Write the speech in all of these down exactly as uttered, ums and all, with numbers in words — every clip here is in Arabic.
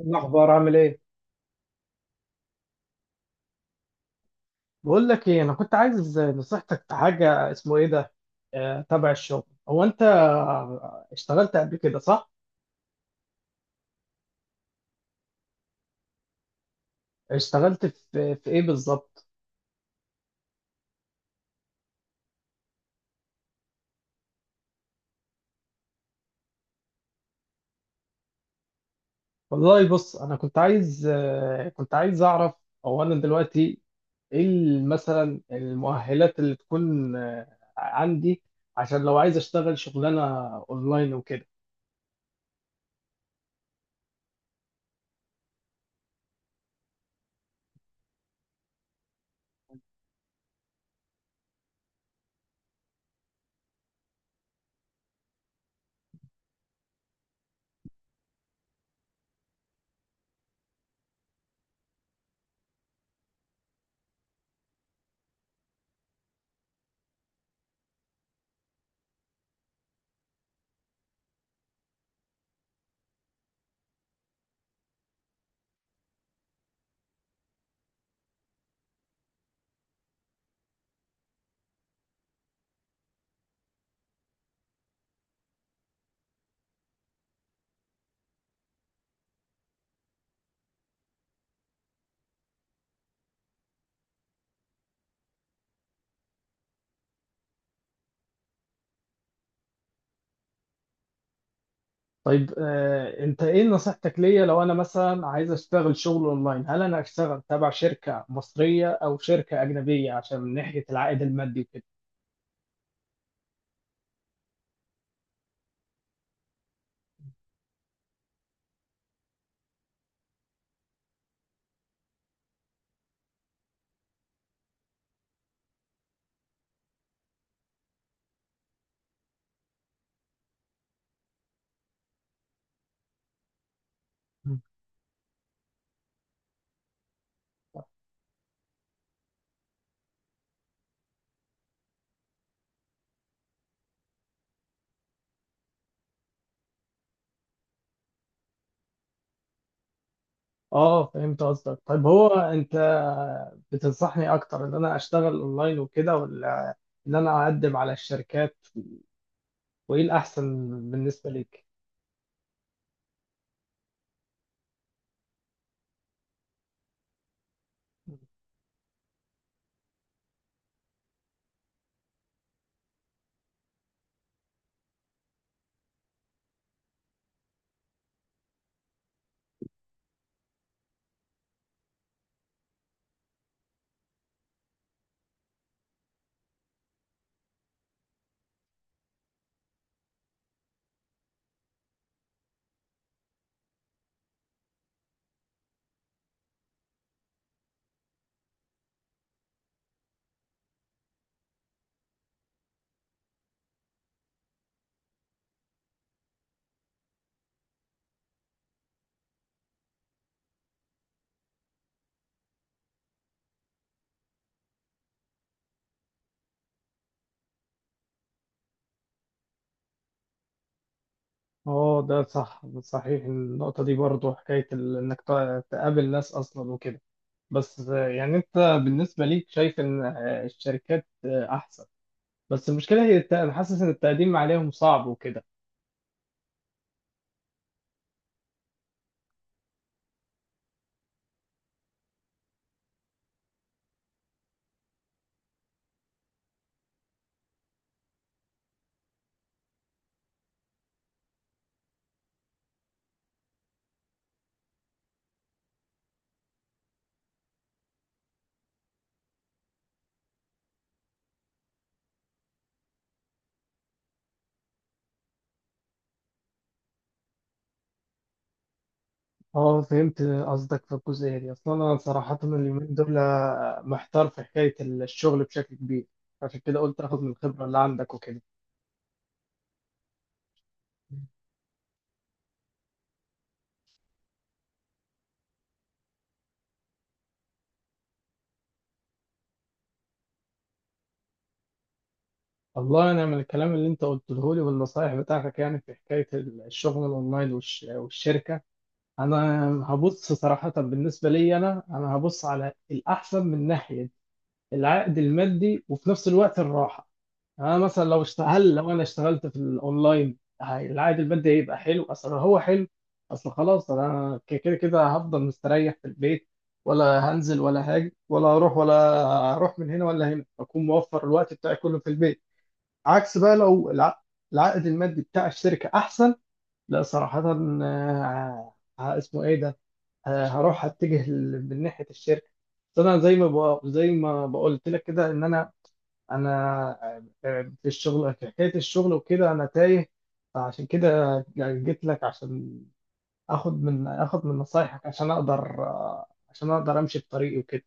الأخبار عامل إيه؟ بقول لك إيه، أنا كنت عايز نصيحتك في حاجة اسمه إيه ده؟ آه، تبع الشغل. هو أنت اشتغلت قبل كده صح؟ اشتغلت في في إيه بالظبط؟ والله بص، أنا كنت عايز آه، كنت عايز أعرف. هو أنا دلوقتي إيه ال- مثلا المؤهلات اللي تكون آه، عندي، عشان لو عايز أشتغل شغلانة أونلاين وكده. طيب آه، انت ايه نصيحتك ليا لو انا مثلا عايز اشتغل شغل اونلاين؟ هل انا اشتغل تبع شركة مصرية او شركة اجنبية عشان من ناحية العائد المادي وكده؟ مم. اه فهمت قصدك. طيب هو انت بتنصحني اكتر ان انا اشتغل اونلاين وكده، ولا ان انا اقدم على الشركات؟ وايه الاحسن بالنسبة ليك؟ اه ده صح، صحيح النقطة دي برضو، حكاية ال- انك تقابل ناس اصلا وكده. بس يعني انت بالنسبه ليك شايف ان الشركات احسن. بس المشكله هي الت- انا حاسس ان التقديم عليهم صعب وكده. اه فهمت قصدك في الجزئية دي. اصلا انا صراحة اليومين دول محتار في حكاية الشغل بشكل كبير، عشان كده قلت اخد من الخبرة اللي عندك وكده. والله انا من الكلام اللي انت قلته لي والنصايح بتاعتك، يعني في حكايه الشغل الاونلاين والش- والشركه، انا هبص صراحه. بالنسبه لي انا، انا هبص على الاحسن من ناحيه العائد المادي وفي نفس الوقت الراحه. يعني انا مثلا لو اشت... هل لو انا اشتغلت في الاونلاين هي- العائد المادي هيبقى حلو؟ اصل هو حلو، اصل خلاص انا ك- كده كده هفضل مستريح في البيت، ولا هنزل ولا هاجي ولا هروح ولا هروح من هنا ولا هنا، اكون موفر الوقت بتاعي كله في البيت. عكس بقى لو الع... العائد المادي بتاع الشركه احسن، لا صراحه، آه، آه، اسمه ايه ده آه، هروح اتجه ل- من ناحيه الشركه. بس انا زي ما بق- زي ما بقولت لك كده ان انا، انا في الشغل، في حكايه الشغل وكده انا تايه. فعشان كده جيت لك عشان اخد من اخد من نصايحك عشان اقدر آه، عشان اقدر امشي في طريقي وكده.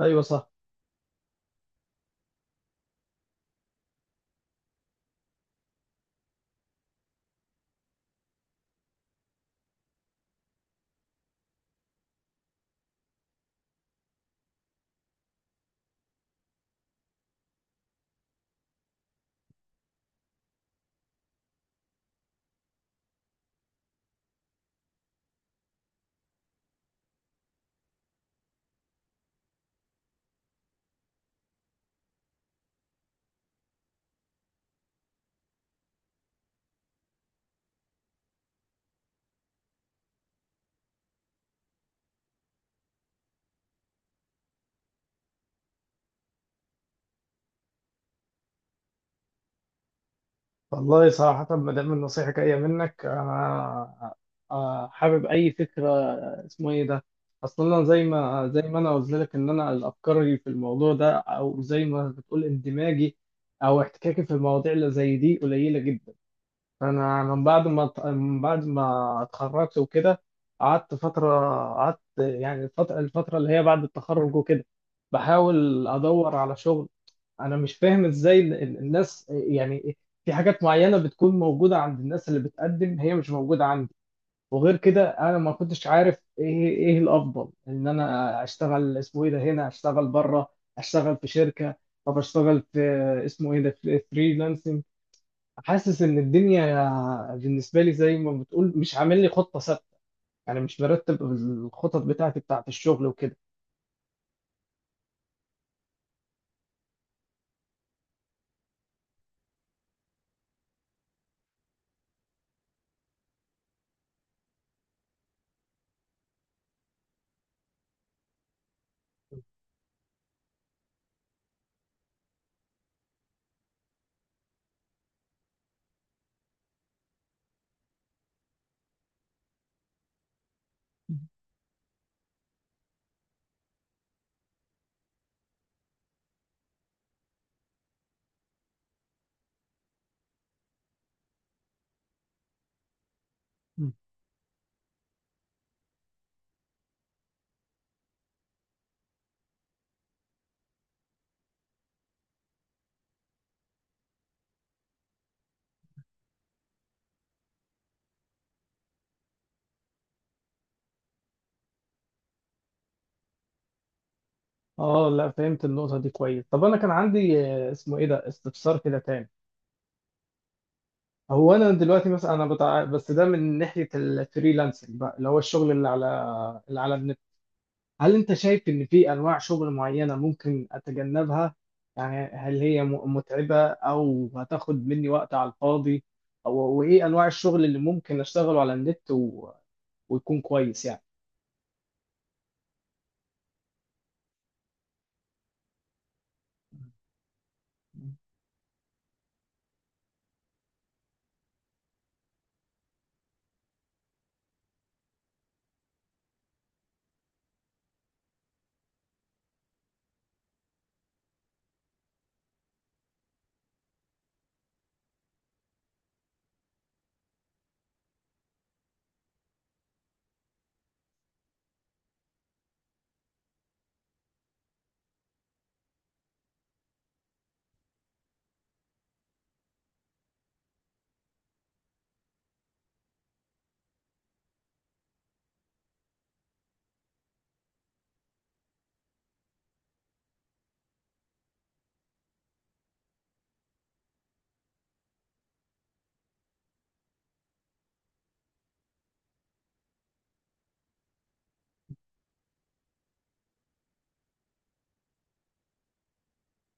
ايوه صح. والله صراحه ما دام النصيحه جايه منك، انا آه، حابب اي فكره. آه، اسمه ايه ده اصلا انا زي ما زي ما انا قلت لك ان انا الافكار في الموضوع ده، او زي ما بتقول اندماجي او احتكاكي في المواضيع اللي زي دي قليله جدا. انا من بعد ما من بعد ما اتخرجت وكده قعدت فتره، قعدت يعني الفتره، الفتره اللي هي بعد التخرج وكده بحاول ادور على شغل. انا مش فاهم ازاي ال- ال- الناس يعني في حاجات معينه بتكون موجوده عند الناس اللي بتقدم، هي مش موجوده عندي. وغير كده انا ما كنتش عارف ايه، ايه الافضل، ان انا اشتغل، اسمه ايه ده هنا، اشتغل بره، اشتغل في شركه، طب اشتغل في اسمه ايه ده فريلانسنج. حاسس ان الدنيا بالنسبه لي زي ما بتقول مش عامل لي خطه ثابته، يعني مش برتب الخطط بتاعتي بتاعت الشغل وكده. مم. اه لا، فهمت النقطه دي كويس. طب انا كان عندي آه، اسمه ايه ده استفسار كده تاني. هو انا دلوقتي مثلا انا بتاع، بس ده من ناحيه الفريلانسنج بقى، اللي هو الشغل اللي على، اللي على النت، هل انت شايف ان في انواع شغل معينة ممكن اتجنبها؟ يعني هل هي م- متعبة او هتاخد مني وقت على الفاضي؟ او وايه انواع الشغل اللي ممكن اشتغله على النت و... ويكون كويس يعني؟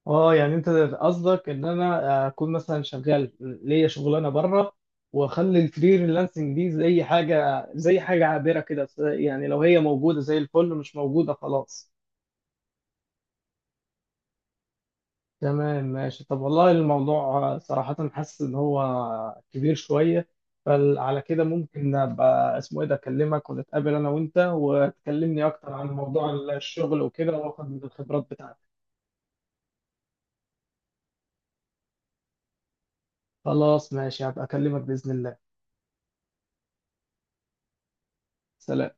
اه يعني انت قصدك ان انا اكون مثلا شغال ليا شغلانه بره، واخلي الفريلانسنج دي زي حاجه، زي حاجه عابره كده، يعني لو هي موجوده زي الفل، مش موجوده خلاص؟ تمام ماشي. طب والله الموضوع صراحة حاسس إن هو كبير شوية. فعلى كده ممكن أبقى اسمه إيه ده أكلمك، ونتقابل أنا وأنت وتكلمني أكتر عن موضوع الشغل وكده، وآخد من الخبرات بتاعتك. خلاص ماشي، هبقى أكلمك بإذن الله. سلام.